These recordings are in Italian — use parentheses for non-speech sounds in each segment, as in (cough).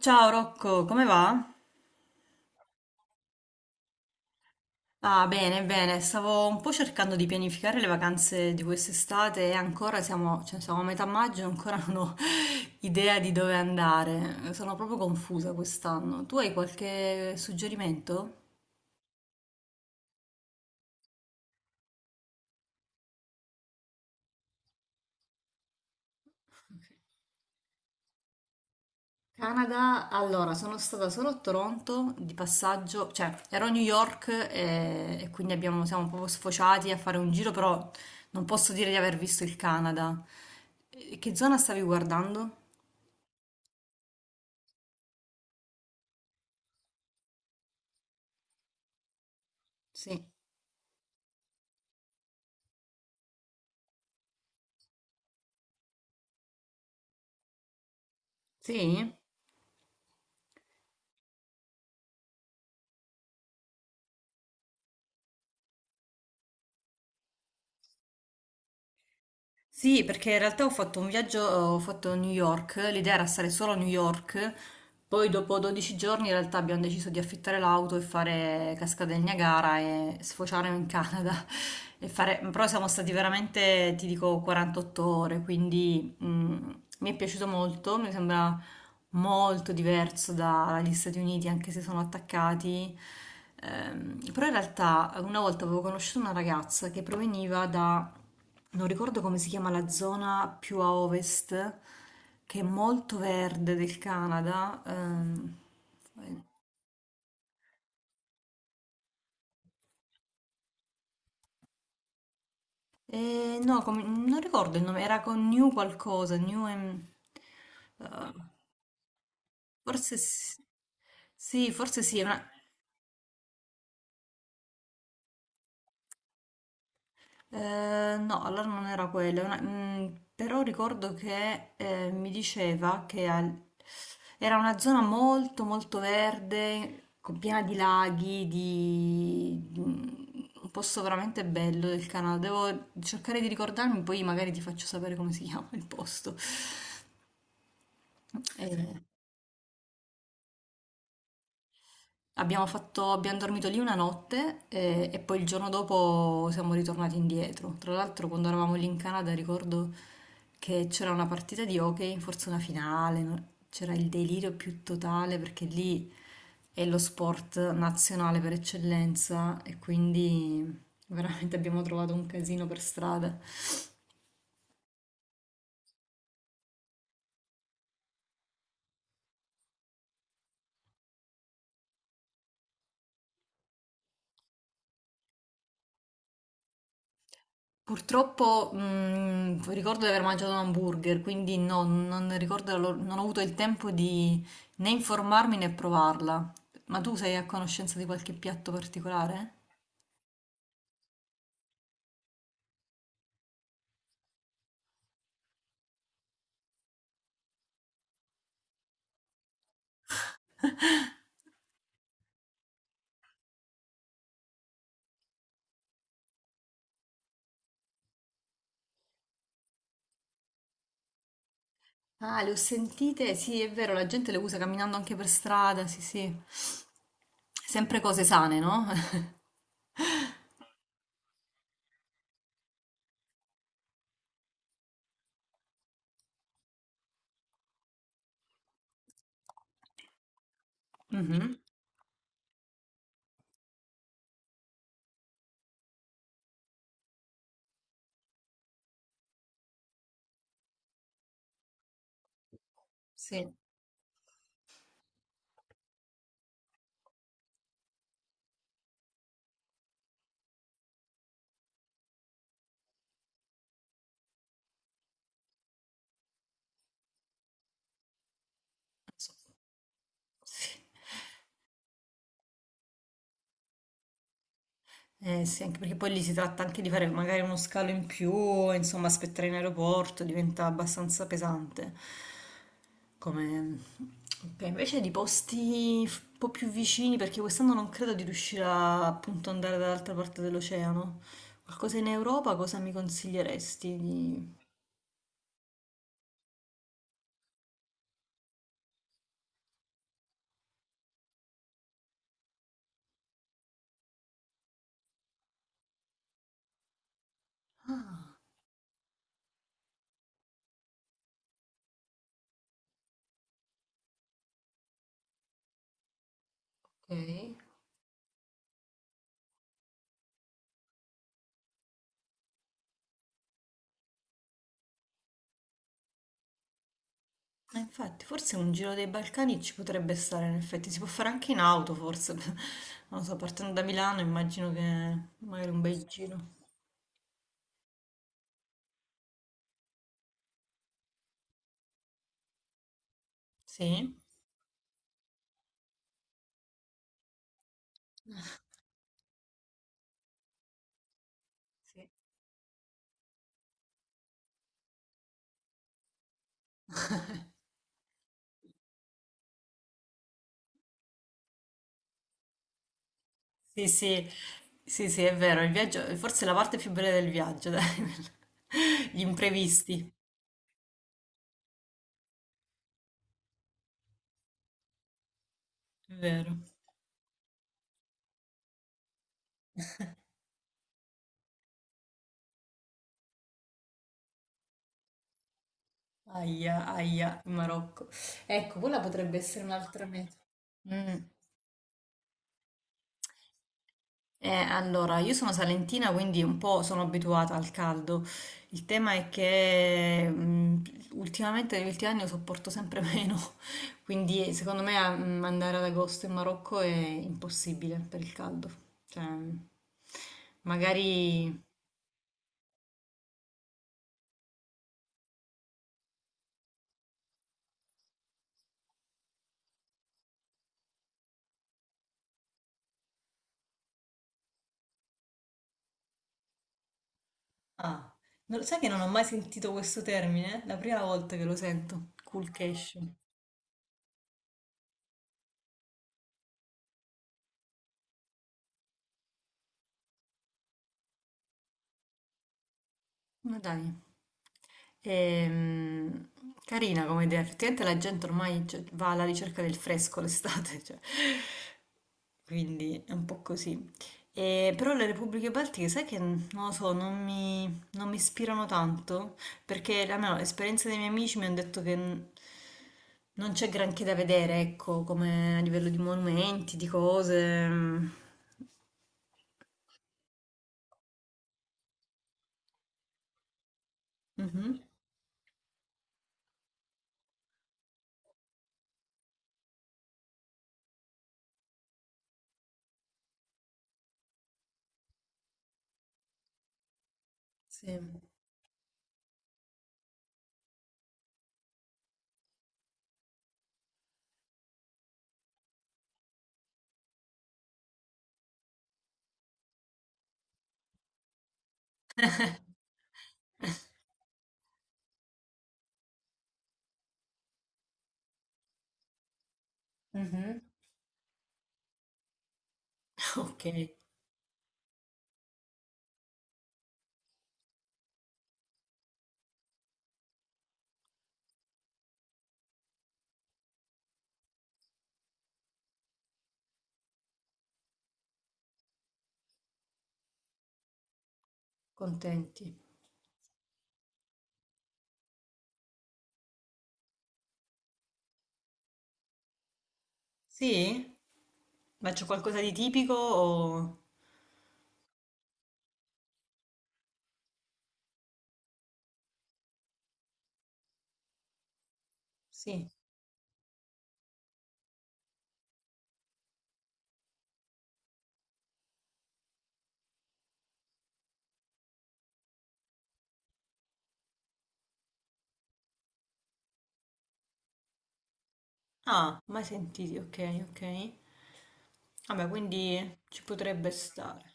Ciao Rocco, come va? Ah, bene, bene, stavo un po' cercando di pianificare le vacanze di quest'estate e ancora cioè, siamo a metà maggio e ancora non ho (laughs) idea di dove andare. Sono proprio confusa quest'anno. Tu hai qualche suggerimento? Canada, allora, sono stata solo a Toronto di passaggio, cioè ero a New York e quindi siamo proprio sfociati a fare un giro, però non posso dire di aver visto il Canada. E che zona stavi guardando? Sì. Sì? Sì, perché in realtà ho fatto un viaggio, ho fatto New York, l'idea era stare solo a New York, poi dopo 12 giorni in realtà abbiamo deciso di affittare l'auto e fare Cascata del Niagara e sfociare in Canada. (laughs) E fare. Però siamo stati veramente, ti dico, 48 ore, quindi mi è piaciuto molto, mi sembra molto diverso dagli Stati Uniti, anche se sono attaccati. Però in realtà una volta avevo conosciuto una ragazza che proveniva da non ricordo come si chiama la zona più a ovest, che è molto verde del Canada. E no, non ricordo il nome, era con New qualcosa, eh, forse sì, forse sì. No, allora non era quella, però ricordo che mi diceva che era una zona molto molto verde, con piena di laghi, di. Un posto veramente bello del Canada. Devo cercare di ricordarmi, poi magari ti faccio sapere come si chiama il posto. Eh, abbiamo dormito lì una notte e, poi il giorno dopo siamo ritornati indietro. Tra l'altro, quando eravamo lì in Canada, ricordo che c'era una partita di hockey, forse una finale, no? C'era il delirio più totale perché lì è lo sport nazionale per eccellenza e quindi veramente abbiamo trovato un casino per strada. Purtroppo, ricordo di aver mangiato un hamburger, quindi no, non ricordo, non ho avuto il tempo di né informarmi né provarla. Ma tu sei a conoscenza di qualche piatto particolare? Ah, le ho sentite, sì, è vero, la gente le usa camminando anche per strada, sì, sì. Sempre cose sane, no? (laughs) Mhm. Sì. Sì. Sì, anche perché poi lì si tratta anche di fare magari uno scalo in più, insomma, aspettare in aeroporto diventa abbastanza pesante. Come. Ok, invece di posti un po' più vicini, perché quest'anno non credo di riuscire a appunto andare dall'altra parte dell'oceano. Qualcosa in Europa, cosa mi consiglieresti di. Ah, ok. Infatti, forse un giro dei Balcani ci potrebbe stare, in effetti. Si può fare anche in auto, forse. (laughs) Non lo so, partendo da Milano immagino che magari un bel giro. Sì? Sì, sì, sì, sì, sì, è vero, il viaggio, forse è la parte più bella del viaggio, dai. (laughs) Gli imprevisti. È vero. Aia, aia, in Marocco. Ecco, quella potrebbe essere un'altra meta. Mm. Allora, io sono salentina, quindi un po' sono abituata al caldo. Il tema è che ultimamente, negli ultimi anni, lo sopporto sempre (laughs) meno. Quindi, secondo me, andare ad agosto in Marocco è impossibile per il caldo. Cioè, magari. Ah, non lo sai che non ho mai sentito questo termine? È la prima volta che lo sento. Cool cash. Ma dai. Ehm, Carina come idea, effettivamente la gente ormai cioè, va alla ricerca del fresco l'estate, (laughs) cioè, quindi è un po' così. E, però le Repubbliche Baltiche, sai che non lo so, non mi ispirano tanto, perché almeno l'esperienza dei miei amici mi hanno detto che non c'è granché da vedere, ecco, come a livello di monumenti, di cose. Mhm. Sì. Mhm. (laughs) Ok, contenti. Sì? Ma c'è qualcosa di tipico o. Sì. Ah, mai sentiti, ok, ok. Vabbè, quindi ci potrebbe stare.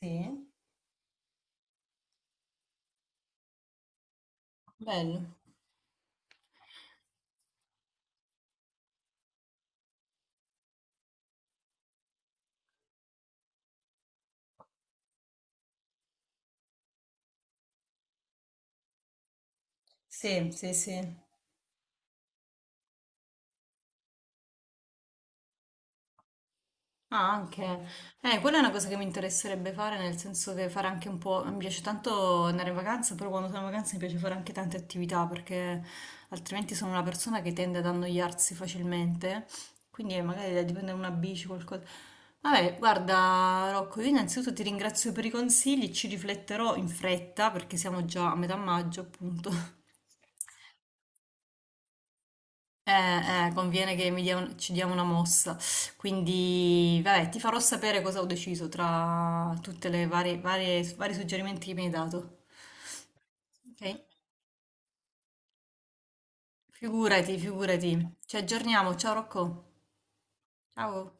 Sì. Bello. Sì, sì, sì. Ah, anche. Quella è una cosa che mi interesserebbe fare, nel senso che fare anche un po'. Mi piace tanto andare in vacanza, però quando sono in vacanza mi piace fare anche tante attività perché altrimenti sono una persona che tende ad annoiarsi facilmente. Quindi magari da prendere una bici, qualcosa. Vabbè, guarda, Rocco, io innanzitutto ti ringrazio per i consigli, ci rifletterò in fretta perché siamo già a metà maggio, appunto. (laughs) Conviene che ci diamo una mossa. Quindi, vabbè, ti farò sapere cosa ho deciso tra tutte le vari suggerimenti che mi hai dato. Ok? Figurati, figurati. Ci aggiorniamo. Ciao Rocco. Ciao.